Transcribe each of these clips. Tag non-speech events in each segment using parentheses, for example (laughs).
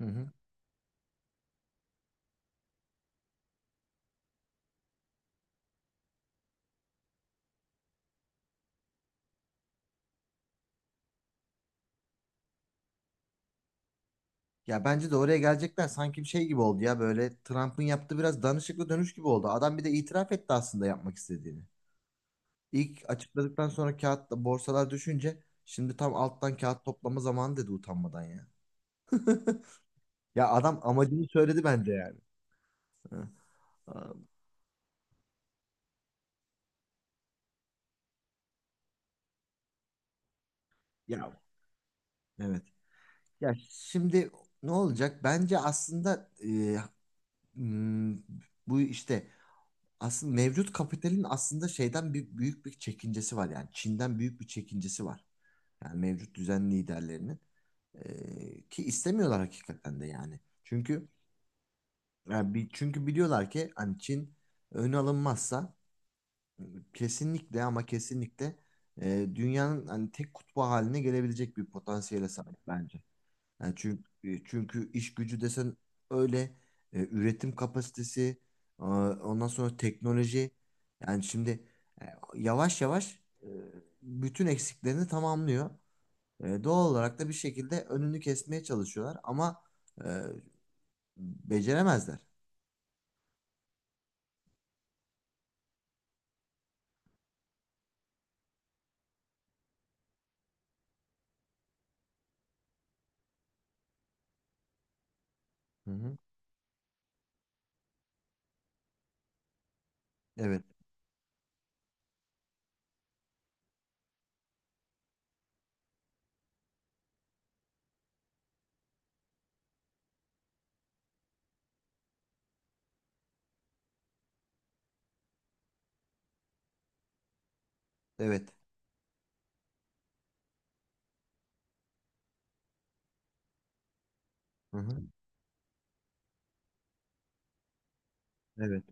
Hı hı. Ya bence de oraya gelecekler sanki bir şey gibi oldu ya böyle Trump'ın yaptığı biraz danışıklı dönüş gibi oldu. Adam bir de itiraf etti aslında yapmak istediğini. İlk açıkladıktan sonra kağıt borsalar düşünce şimdi tam alttan kağıt toplama zamanı dedi utanmadan ya. (laughs) Ya adam amacını söyledi bence yani. Hı. Aa, ya evet. Ya şimdi ne olacak? Bence aslında hmm, bu işte aslında mevcut kapitalin aslında şeyden büyük bir çekincesi var yani Çin'den büyük bir çekincesi var. Yani mevcut düzen liderlerinin ki istemiyorlar hakikaten de yani. Çünkü yani bir, çünkü biliyorlar ki hani Çin ön alınmazsa kesinlikle ama kesinlikle dünyanın hani tek kutbu haline gelebilecek bir potansiyele sahip bence. Yani çünkü iş gücü desen öyle üretim kapasitesi ondan sonra teknoloji yani şimdi e, yavaş yavaş bütün eksiklerini tamamlıyor. Doğal olarak da bir şekilde önünü kesmeye çalışıyorlar ama e, beceremezler. Hı hı. Evet, evet. Hı hı. Evet.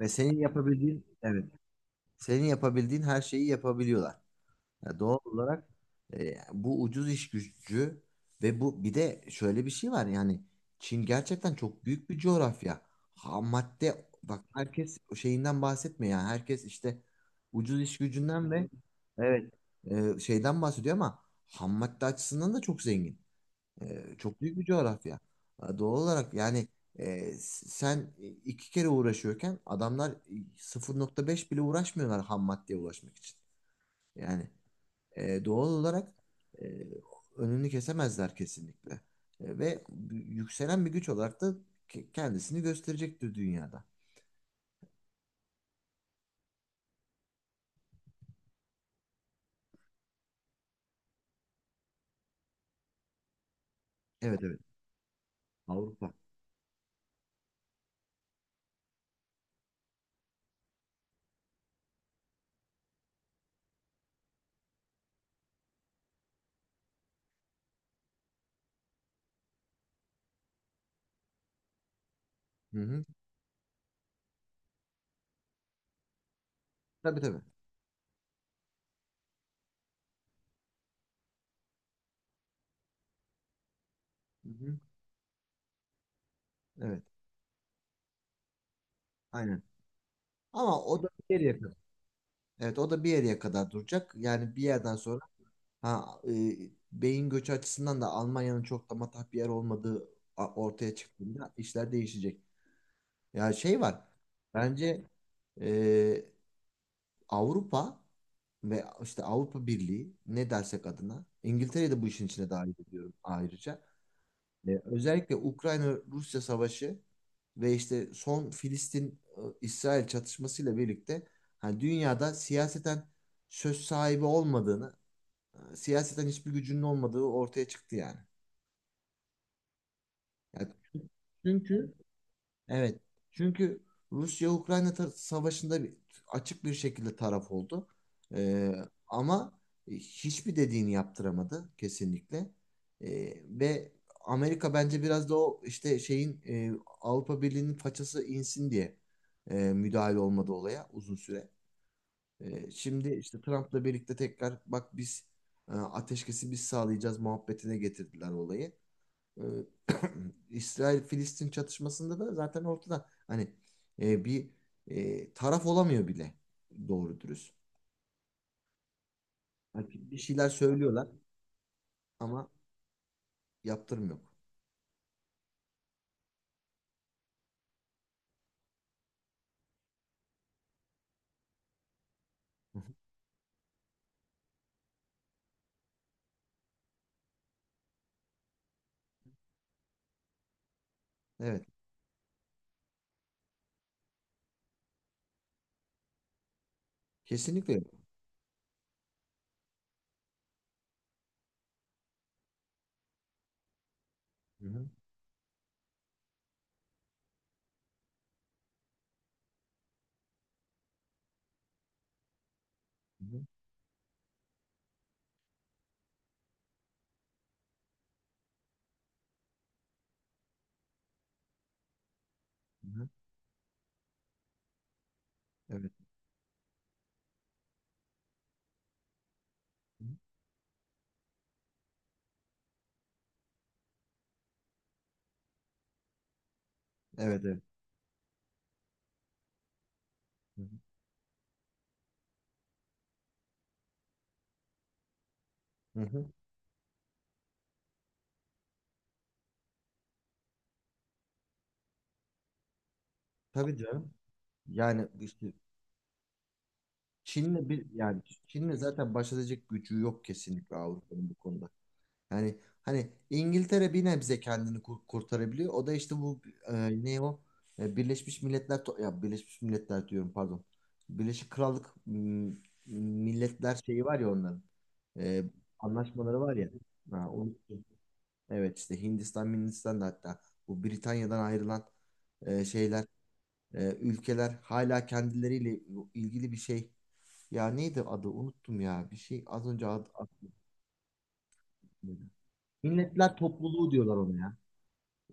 Ve senin yapabildiğin evet. Senin yapabildiğin her şeyi yapabiliyorlar. Ya doğal olarak bu ucuz iş gücü ve bu bir de şöyle bir şey var yani Çin gerçekten çok büyük bir coğrafya. Ham madde bak herkes o şeyinden bahsetmiyor yani herkes işte ucuz iş gücünden ve evet, şeyden bahsediyor ama ham madde açısından da çok zengin. Çok büyük bir coğrafya. Doğal olarak yani sen iki kere uğraşıyorken adamlar 0,5 bile uğraşmıyorlar ham maddeye ulaşmak için. Yani doğal olarak e, önünü kesemezler kesinlikle. Ve yükselen bir güç olarak da kendisini gösterecektir dünyada. Evet, evet, Avrupa. Hı hı. Tabii, tabii. Hı hı. Evet, aynen. Ama o da bir yere kadar. Evet, o da bir yere kadar duracak. Yani bir yerden sonra ha, e, beyin göçü açısından da Almanya'nın çok da matah bir yer olmadığı ortaya çıktığında işler değişecek. Ya şey var. Bence e, Avrupa ve işte Avrupa Birliği ne dersek adına İngiltere'yi de bu işin içine dahil ediyorum ayrıca. Özellikle Ukrayna-Rusya savaşı ve işte son Filistin-İsrail çatışmasıyla birlikte hani dünyada siyaseten söz sahibi olmadığını, siyaseten hiçbir gücünün olmadığı ortaya çıktı yani. Yani çünkü evet. Çünkü Rusya-Ukrayna savaşında açık bir şekilde taraf oldu. Ee, ama hiçbir dediğini yaptıramadı kesinlikle. Ve Amerika bence biraz da o işte şeyin Avrupa Birliği'nin façası insin diye müdahale olmadı olaya uzun süre. Şimdi işte Trump'la birlikte tekrar bak biz ateşkesi biz sağlayacağız muhabbetine getirdiler olayı e, (clears throat) İsrail-Filistin çatışmasında da zaten ortada hani bir taraf olamıyor bile doğru dürüst. Hani bir şeyler söylüyorlar ama yaptırım yok. Hı hı. Evet. Kesinlikle yok. Hı hı. Hı hı. Hı hı. Evet. Hı hı. Evet. Evet. Hı hı. Hı hı. Tabii canım. Yani işte Çin'le yani zaten baş edecek gücü yok kesinlikle Avrupa'nın bu konuda. Yani hani İngiltere bir nebze kendini kurtarabiliyor. O da işte bu ne o? Birleşmiş Milletler ya Birleşmiş Milletler diyorum pardon. Birleşik Krallık Milletler şeyi var ya onların. E, anlaşmaları var ya. Ha, unuttum. Evet işte Hindistan, Hindistan da hatta bu Britanya'dan ayrılan şeyler, ülkeler hala kendileriyle ilgili bir şey. Ya neydi adı? Unuttum ya. Bir şey az önce. Milletler Topluluğu diyorlar ona ya.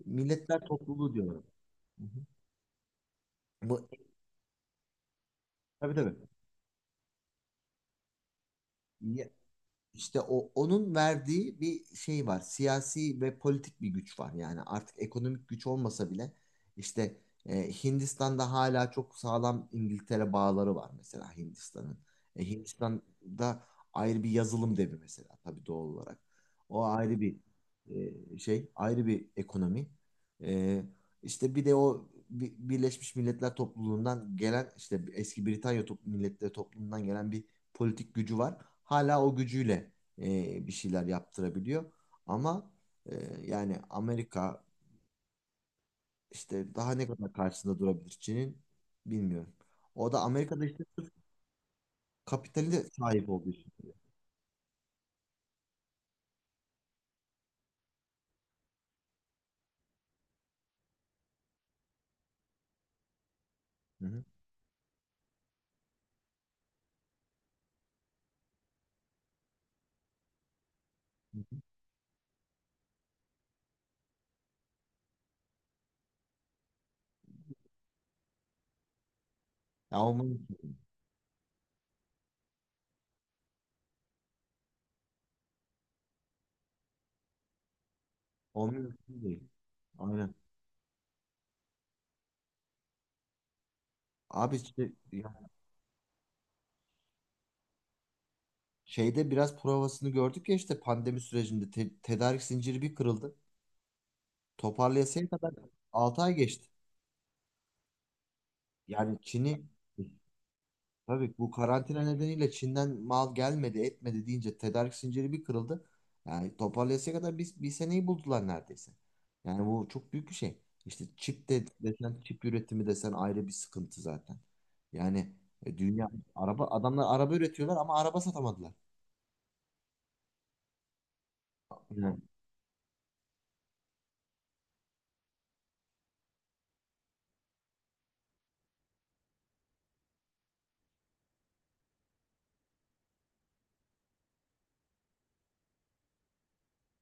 Milletler Topluluğu diyorlar. Hı hı. Bu, tabii tabii. İşte o onun verdiği bir şey var. Siyasi ve politik bir güç var. Yani artık ekonomik güç olmasa bile işte Hindistan'da hala çok sağlam İngiltere bağları var mesela Hindistan'ın. Hindistan'da ayrı bir yazılım devi mesela tabii doğal olarak. O ayrı bir ayrı bir ekonomi. E, işte bir de o Birleşmiş Milletler topluluğundan gelen işte eski Britanya Milletleri topluluğundan gelen bir politik gücü var. Hala o gücüyle bir şeyler yaptırabiliyor. Ama e, yani Amerika işte daha ne kadar karşısında durabilir Çin'in bilmiyorum. O da Amerika'da işte sırf kapitali de sahip olduğu için. Hı hı. Hı hı. Ya o mümkün değil. O mümkün değil. Aynen. Abi işte ya şeyde biraz provasını gördük ya işte pandemi sürecinde tedarik zinciri bir kırıldı. Toparlayasaya kadar 6 ay geçti. Yani Çin'i Tabii bu karantina nedeniyle Çin'den mal gelmedi, etmedi deyince tedarik zinciri bir kırıldı. Yani toparlayasıya kadar bir seneyi buldular neredeyse. Yani bu çok büyük bir şey. İşte çip de desen, çip üretimi desen ayrı bir sıkıntı zaten. Yani e, dünya araba adamlar araba üretiyorlar ama araba satamadılar. Yani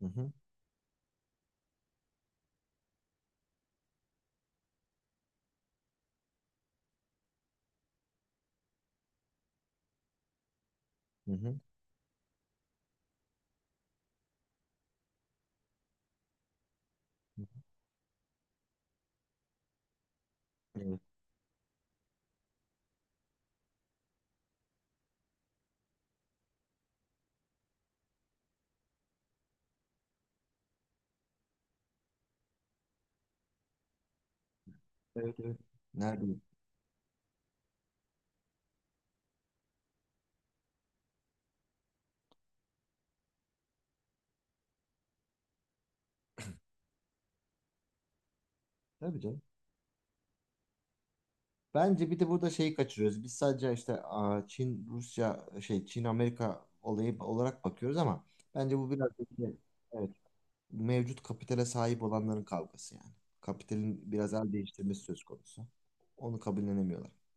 hı hı, hı hı. Evet, evet, evet. Neredeyim? Tabii canım. Bence bir de burada şeyi kaçırıyoruz. Biz sadece işte Çin, Rusya, Çin, Amerika olayı olarak bakıyoruz ama bence bu biraz evet, mevcut kapitale sahip olanların kavgası yani. Kapitalin biraz el değiştirmesi söz konusu. Onu kabullenemiyorlar.